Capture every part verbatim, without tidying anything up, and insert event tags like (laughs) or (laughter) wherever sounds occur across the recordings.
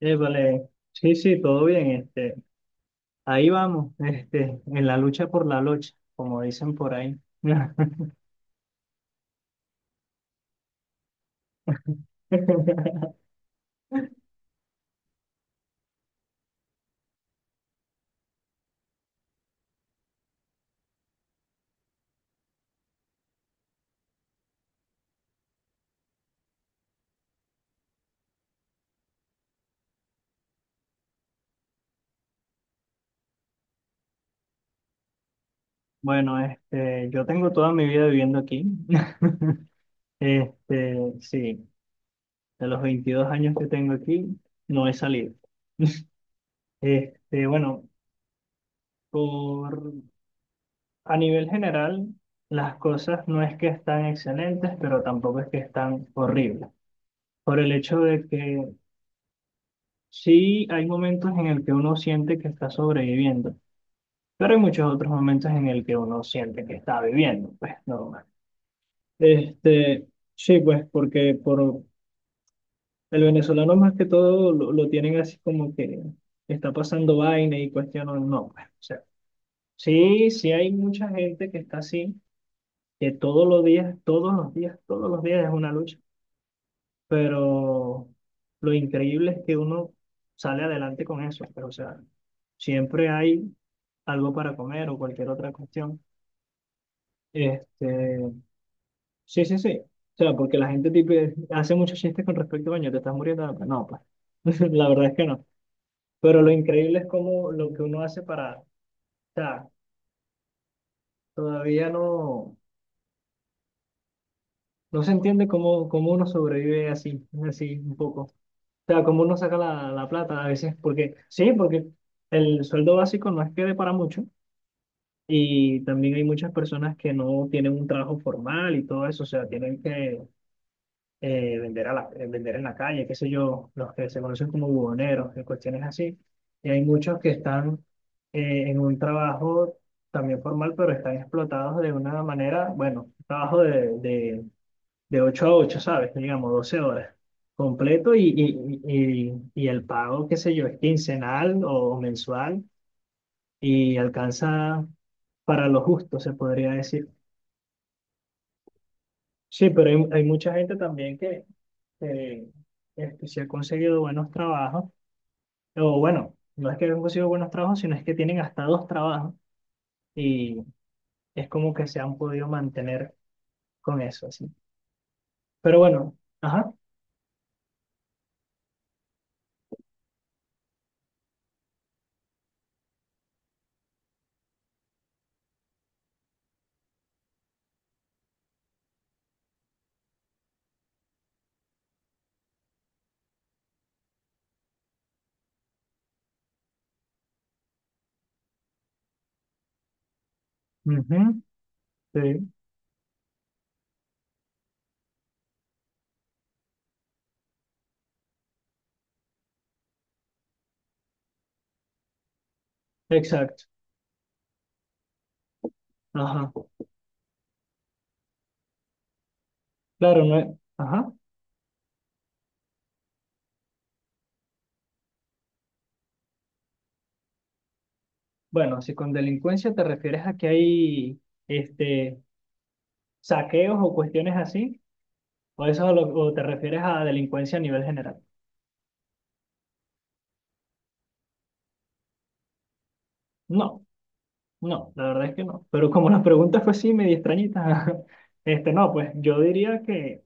Épale, sí, sí, todo bien, este, ahí vamos, este, en la lucha por la lucha, como dicen por ahí. (laughs) Bueno, este, yo tengo toda mi vida viviendo aquí. (laughs) Este, sí, de los veintidós años que tengo aquí, no he salido. (laughs) Este, bueno, por, a nivel general, las cosas no es que están excelentes, pero tampoco es que están horribles. Por el hecho de que Sí, hay momentos en el que uno siente que está sobreviviendo, pero hay muchos otros momentos en el que uno siente que está viviendo, pues normal. Este, sí, pues porque por el venezolano más que todo lo, lo tienen así como que está pasando vaina y cuestiones, no, pues, o sea, sí, sí hay mucha gente que está así, que todos los días, todos los días, todos los días es una lucha. Pero lo increíble es que uno sale adelante con eso, pero o sea, siempre hay algo para comer o cualquier otra cuestión. Este, sí, sí, sí. O sea, porque la gente tipo, hace muchos chistes con respecto, coño, te estás muriendo de hambre". No, pues, (laughs) la verdad es que no. Pero lo increíble es cómo lo que uno hace para, o sea, todavía no, no se entiende cómo, cómo uno sobrevive así, así un poco. O sea, como uno saca la, la plata a veces, porque sí, porque el sueldo básico no es que dé para mucho y también hay muchas personas que no tienen un trabajo formal y todo eso, o sea, tienen que eh, vender, a la, eh, vender en la calle, qué sé yo, los que se conocen como buhoneros, y cuestiones así. Y hay muchos que están eh, en un trabajo también formal, pero están explotados de una manera, bueno, trabajo de, de de ocho a ocho, ¿sabes? Digamos, doce horas completo y, y, y, y- el pago, qué sé yo, es quincenal o mensual y alcanza para lo justo, se podría decir. Sí, pero hay, hay mucha gente también que, eh, este, se ha conseguido buenos trabajos, o bueno, no es que han conseguido buenos trabajos, sino es que tienen hasta dos trabajos y es como que se han podido mantener con eso, así. Pero bueno, ajá, ujú, sí, exacto, ajá. Claro, no es... Ajá. Bueno, si con delincuencia te refieres a que hay este, saqueos o cuestiones así, o eso a lo- o te refieres a delincuencia a nivel general. No, no, la verdad es que no. Pero como la pregunta fue así, medio extrañita, (laughs) este, no, pues yo diría que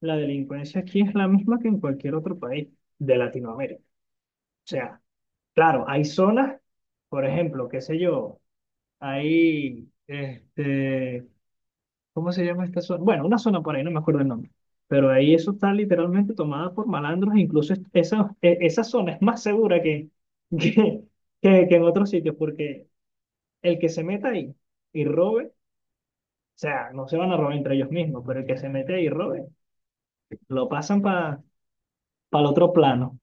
la delincuencia aquí es la misma que en cualquier otro país de Latinoamérica. O sea, claro, hay zonas, por ejemplo, qué sé yo, hay este, ¿cómo se llama esta zona? Bueno, una zona por ahí, no me acuerdo el nombre. Pero ahí eso está literalmente tomada por malandros. E incluso es- esa, e- esa zona es más segura que, (laughs) que, que, que en otros sitios, porque el que se meta ahí y robe, o sea, no se van a robar entre ellos mismos, pero el que se mete ahí y robe, lo pasan para el otro plano.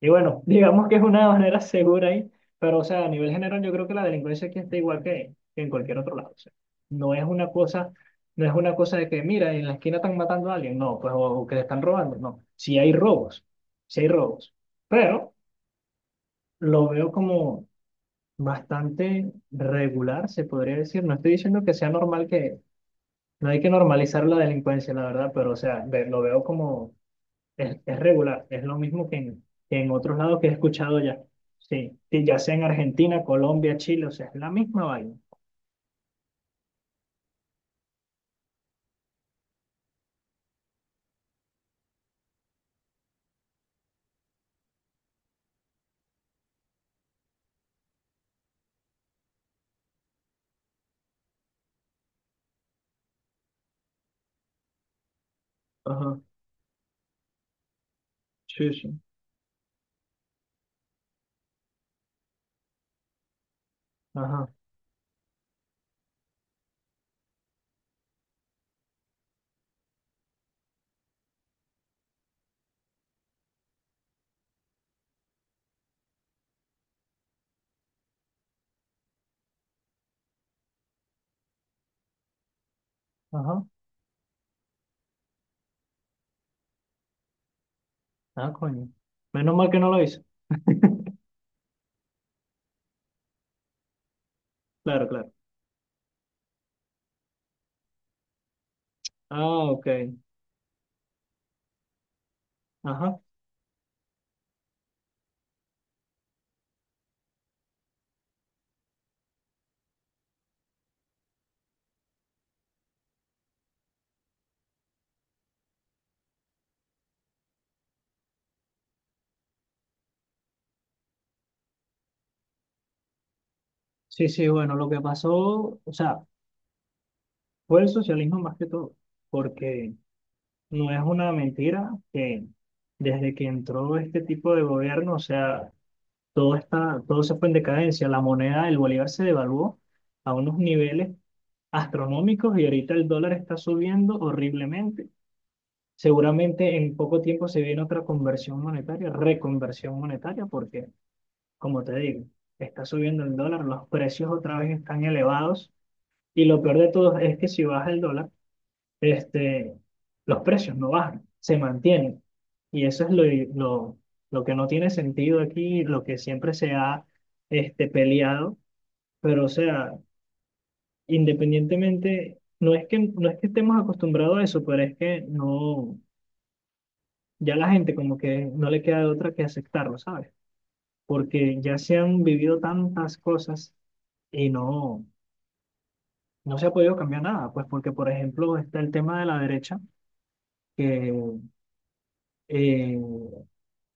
Y bueno, (laughs) digamos que es una manera segura ahí, pero o sea, a nivel general yo creo que la delincuencia aquí está igual que, que en cualquier otro lado. O sea, no es una cosa, no es una cosa de que, mira, en la esquina están matando a alguien, no, pues, o, o que le están robando, no. Sí hay robos, sí hay robos, pero lo veo como bastante regular, se podría decir. No estoy diciendo que sea normal que, no hay que normalizar la delincuencia, la verdad, pero o sea, ve- lo veo como es, es regular, es lo mismo que en, que en otros lados que he escuchado ya. Sí, sí, ya sea en Argentina, Colombia, Chile, o sea, es la misma vaina. Ajá, sí, sí. Ajá, ajá. Ah, coño. Menos mal que no lo hizo. Claro, claro. Ah, ok. Ajá. Sí, sí, bueno, lo que pasó, o sea, fue el socialismo más que todo, porque no es una mentira que desde que entró este tipo de gobierno, o sea, todo está, todo se fue en decadencia. La moneda del bolívar se devaluó a unos niveles astronómicos y ahorita el dólar está subiendo horriblemente. Seguramente en poco tiempo se viene otra conversión monetaria, reconversión monetaria, porque, como te digo, está subiendo el dólar, los precios otra vez están elevados y lo peor de todo es que si baja el dólar, este, los precios no bajan, se mantienen. Y eso es lo, lo, lo que no tiene sentido aquí, lo que siempre se ha este, peleado. Pero, o sea, independientemente, no es que, no es que estemos acostumbrados a eso, pero es que no, ya la gente como que no le queda de otra que aceptarlo, ¿sabes? Porque ya se han vivido tantas cosas y no, no se ha podido cambiar nada. Pues porque, por ejemplo, está el tema de la derecha, que eh,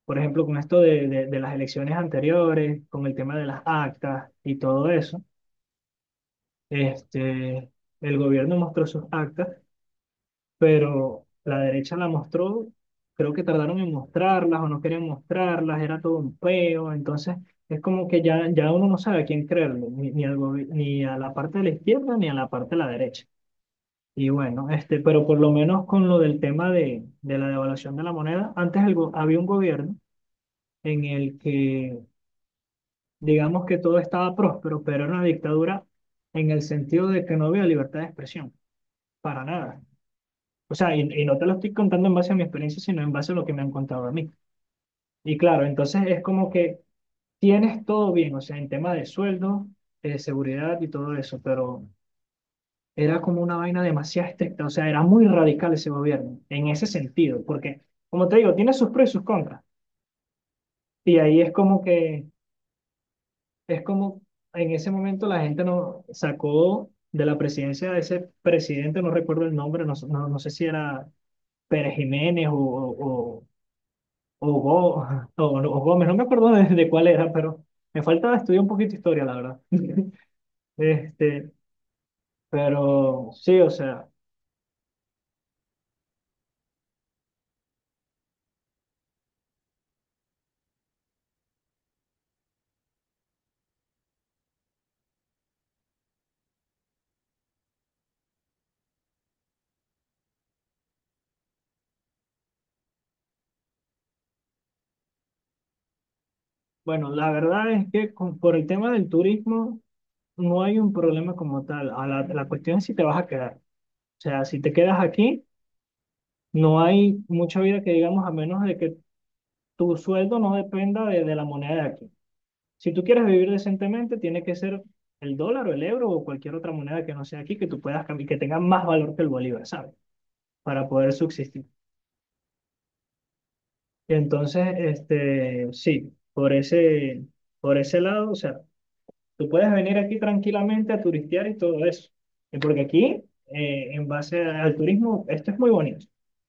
por ejemplo, con esto de, de- de las elecciones anteriores, con el tema de las actas y todo eso, este, el gobierno mostró sus actas, pero la derecha la mostró, creo que tardaron en mostrarlas o no querían mostrarlas, era todo un peo, entonces es como que ya, ya uno no sabe a quién creerle, ni, ni al gobi- ni a la parte de la izquierda ni a la parte de la derecha. Y bueno, este, pero por lo menos con lo del tema de, de la devaluación de la moneda, antes el go- había un gobierno en el que digamos que todo estaba próspero, pero era una dictadura en el sentido de que no había libertad de expresión, para nada. O sea, y, y no te lo estoy contando en base a mi experiencia, sino en base a lo que me han contado a mí. Y claro, entonces es como que tienes todo bien, o sea, en tema de sueldo, eh, seguridad y todo eso, pero era como una vaina demasiado estricta, o sea, era muy radical ese gobierno, en ese sentido, porque, como te digo, tiene sus pros y sus contras. Y ahí es como que es como en ese momento la gente nos sacó de la presidencia de ese presidente, no recuerdo el nombre, no, no, no sé si era Pérez Jiménez o, o, o, o Gó- (laughs) o- o Gómez, no me acuerdo de, de cuál era, pero me falta estudiar un poquito de historia, la verdad. (laughs) Este, pero sí, o sea, bueno, la verdad es que con- por el tema del turismo no hay un problema como tal. A la, la cuestión es si te vas a quedar. O sea, si te quedas aquí, no hay mucha vida que digamos, a menos de que tu sueldo no dependa de, de la moneda de aquí. Si tú quieres vivir decentemente, tiene que ser el dólar o el euro o cualquier otra moneda que no sea aquí que tú puedas cambiar, que tenga más valor que el bolívar, ¿sabes? Para poder subsistir. Entonces, este, sí, por ese, por ese lado, o sea, tú puedes venir aquí tranquilamente a turistear y todo eso. Y Porque aquí, eh, en base al turismo, esto es muy bonito,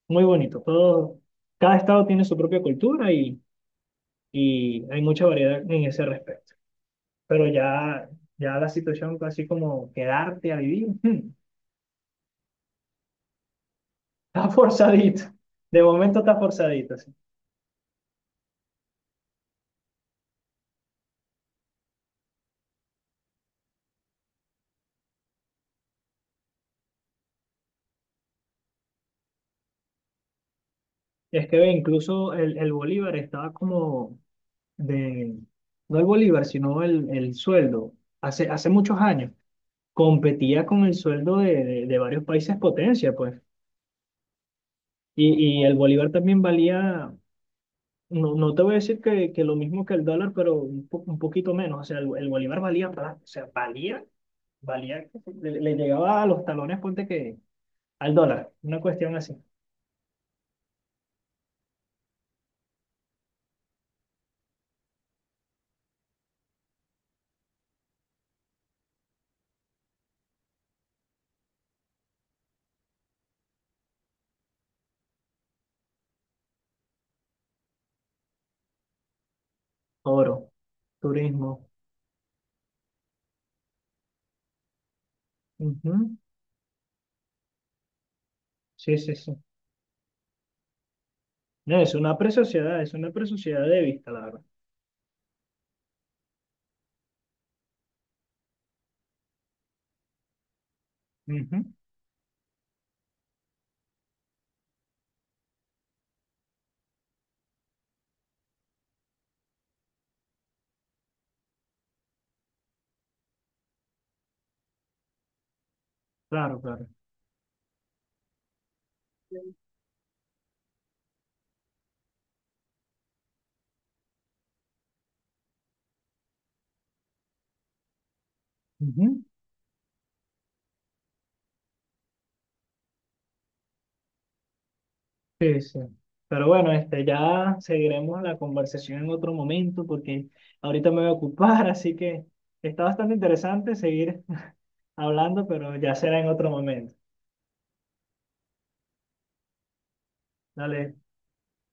muy bonito. Todo, cada estado tiene su propia cultura y, y hay mucha variedad en ese respecto. Pero ya, ya la situación fue así como quedarte a vivir, (laughs) hmm, está forzadito. De momento está forzadito, sí. Es que ve, incluso el, el Bolívar estaba como de, no el Bolívar, sino el, el sueldo. Hace, hace muchos años competía con el sueldo de, de, de varios países potencia, pues. Y, y el Bolívar también valía, no, no te voy a decir que, que lo mismo que el dólar, pero un, po- un poquito menos. O sea, el, el Bolívar valía, plata, o sea, valía Valía, le, le llegaba a los talones, ponte que al dólar, una cuestión así. Oro, turismo. Ujú, sí, sí, sí. No, es una presociedad, es una presociedad de vista, la verdad. Ujú, claro, claro. Ujú, sí, sí. Pero bueno, este, ya seguiremos la conversación en otro momento porque ahorita me voy a ocupar, (laughs) así que está bastante interesante seguir hablando, pero ya será en otro momento. Dale.